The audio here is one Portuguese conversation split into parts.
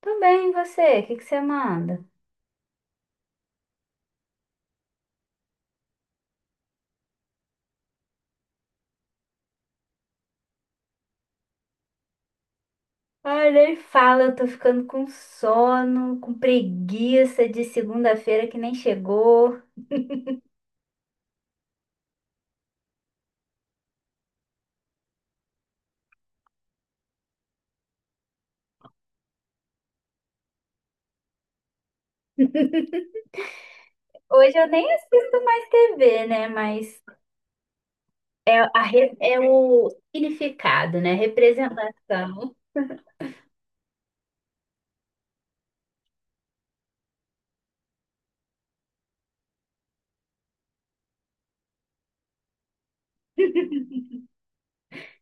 Tudo bem, e você? O que você manda? Ai, nem fala, eu tô ficando com sono, com preguiça de segunda-feira que nem chegou. Hoje eu nem assisto mais TV, né? Mas é, é o significado, né? Representação.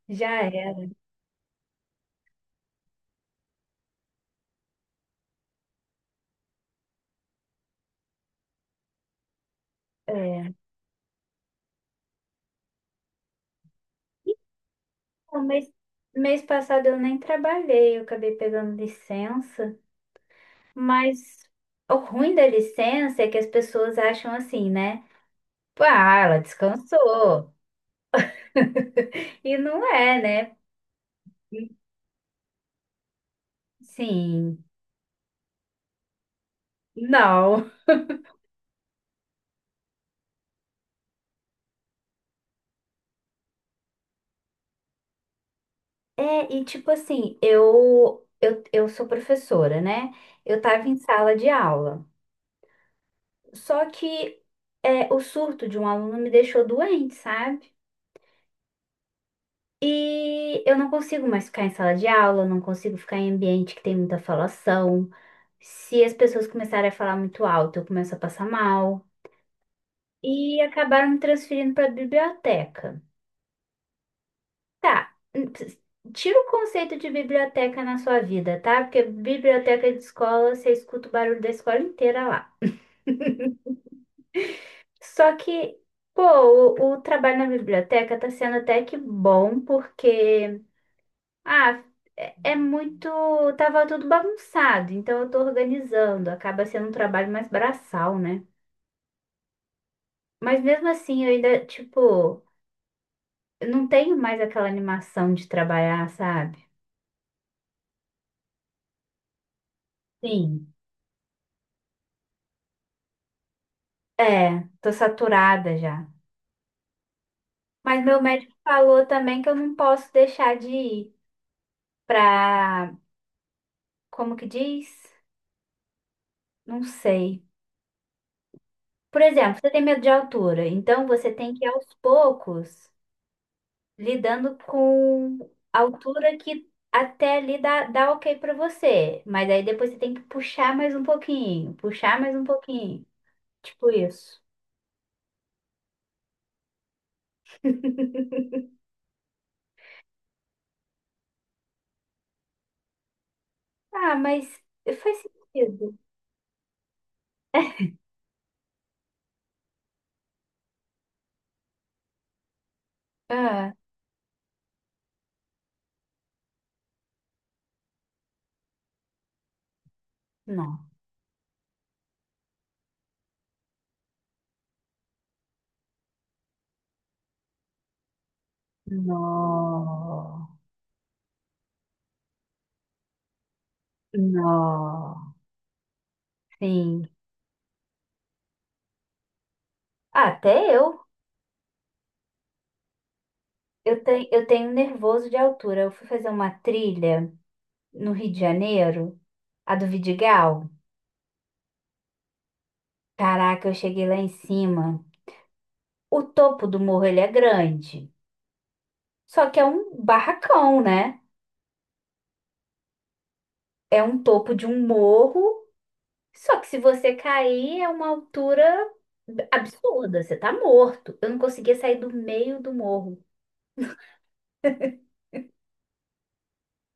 Já é. O mês, Mês passado eu nem trabalhei, eu acabei pegando licença, mas o ruim da licença é que as pessoas acham assim, né? Pô, ah, ela descansou. E não é, né? Sim, não. É, e tipo assim, eu sou professora, né? Eu tava em sala de aula. Só que é, o surto de um aluno me deixou doente, sabe? E eu não consigo mais ficar em sala de aula, eu não consigo ficar em ambiente que tem muita falação. Se as pessoas começarem a falar muito alto, eu começo a passar mal. E acabaram me transferindo para a biblioteca. Tá. Tira o conceito de biblioteca na sua vida, tá? Porque biblioteca de escola, você escuta o barulho da escola inteira lá. Só que, pô, o trabalho na biblioteca tá sendo até que bom, porque, ah, é, é muito. Tava tudo bagunçado, então eu tô organizando. Acaba sendo um trabalho mais braçal, né? Mas mesmo assim, eu ainda, tipo, eu não tenho mais aquela animação de trabalhar, sabe? Sim. É, tô saturada já. Mas meu médico falou também que eu não posso deixar de ir pra. Como que diz? Não sei. Por exemplo, você tem medo de altura, então você tem que ir aos poucos lidando com a altura que até ali dá, dá ok pra você. Mas aí depois você tem que puxar mais um pouquinho, puxar mais um pouquinho. Tipo isso. Ah, mas faz sentido. Ah, não. Não. Não. Sim. Até eu. Eu tenho nervoso de altura. Eu fui fazer uma trilha no Rio de Janeiro, a do Vidigal. Caraca, eu cheguei lá em cima. O topo do morro, ele é grande. Só que é um barracão, né? É um topo de um morro. Só que se você cair, é uma altura absurda. Você tá morto. Eu não conseguia sair do meio do morro.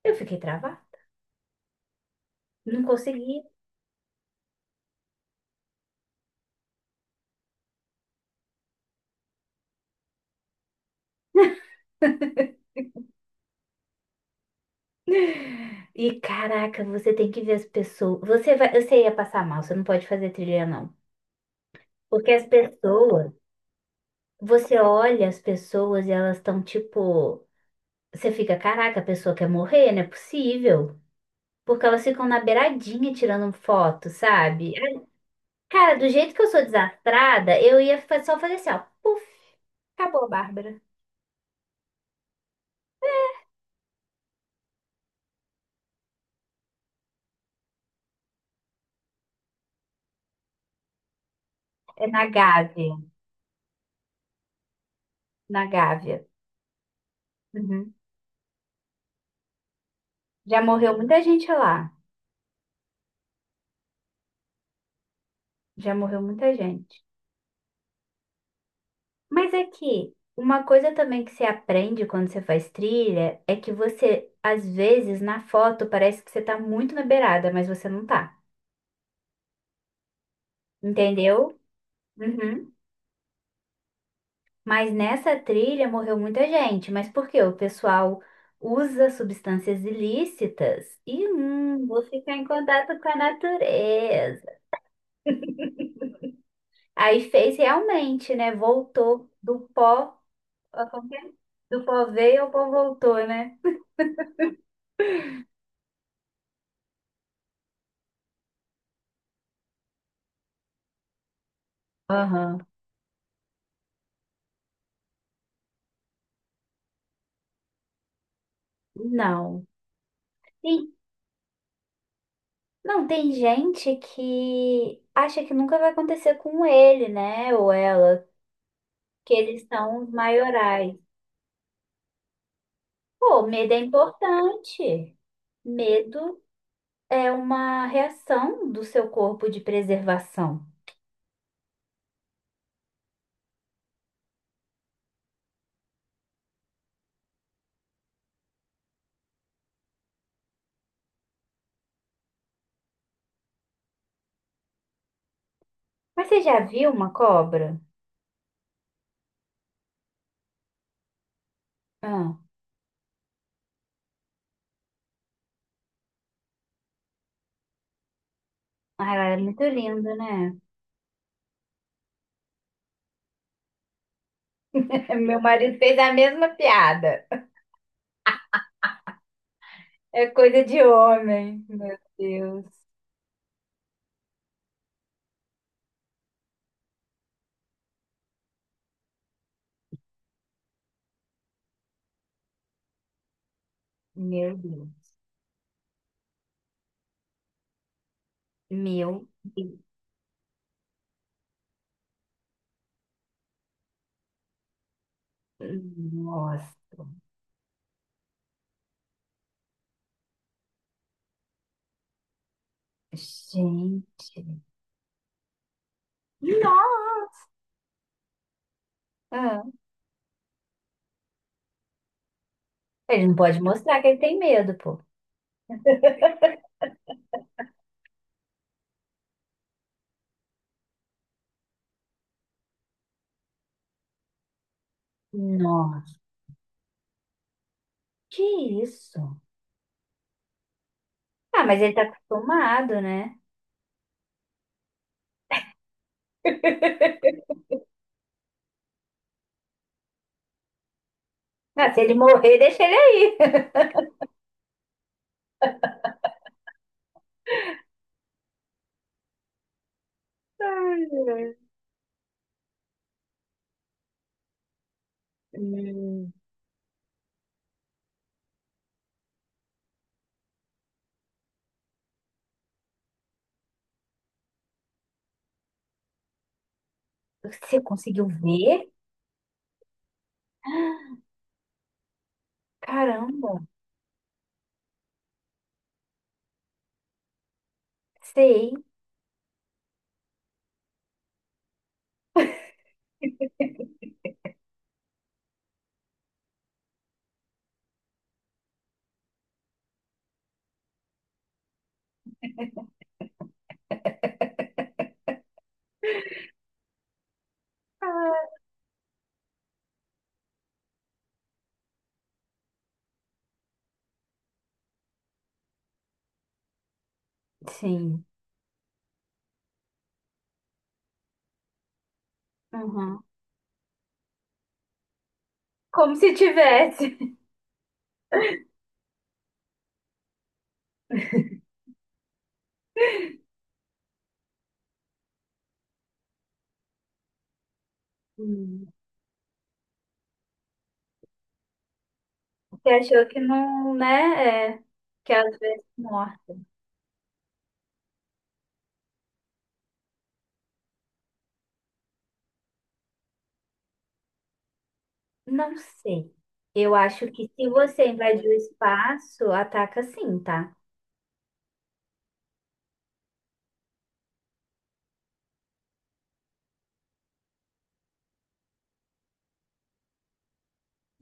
Eu fiquei travada. Não consegui. E caraca, você tem que ver as pessoas. Você vai, você ia passar mal. Você não pode fazer trilha, não. Porque as pessoas, você olha as pessoas e elas estão tipo, você fica, caraca, a pessoa quer morrer, não é possível. Porque elas ficam na beiradinha tirando foto, sabe? Cara, do jeito que eu sou desastrada, eu ia só fazer assim, ó, puf, acabou, Bárbara. É na Gávea, na Gávea. Uhum. Já morreu muita gente lá. Já morreu muita gente. Mas é que uma coisa também que você aprende quando você faz trilha é que você, às vezes, na foto parece que você tá muito na beirada, mas você não tá. Entendeu? Uhum. Mas nessa trilha morreu muita gente. Mas por quê? O pessoal usa substâncias ilícitas e, vou ficar em contato com a natureza. Aí fez realmente, né? Voltou do pó. Ó, como que é? Do pó veio, o pó voltou, né? Aham. Não. Não, tem gente que acha que nunca vai acontecer com ele, né? Ou ela, que eles são os maiorais. Pô, medo é importante. Medo é uma reação do seu corpo de preservação. Mas você já viu uma cobra? Ah, ah, ela é muito linda, né? Meu marido fez a mesma piada. É coisa de homem. Meu Deus. Meu Deus. Meu Deus. Nossa. Gente. Nossa! Ah, ele não pode mostrar que ele tem medo, pô. Nossa, que isso? Ah, mas ele tá acostumado, né? Ah, se ele morrer, deixa ele aí. Ai, ai. Hum, você conseguiu ver? Caramba, sei. Sim. Uhum. Como se tivesse. Hum. Você achou que não, né? É, que às vezes morre. Não sei. Eu acho que se você invadir o espaço, ataca sim, tá?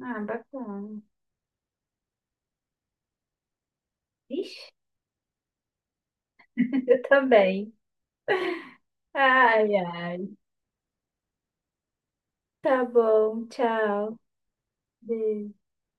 Ah, bacana. Vixe, eu também. Ai, ai. Tá bom, tchau. Beijo.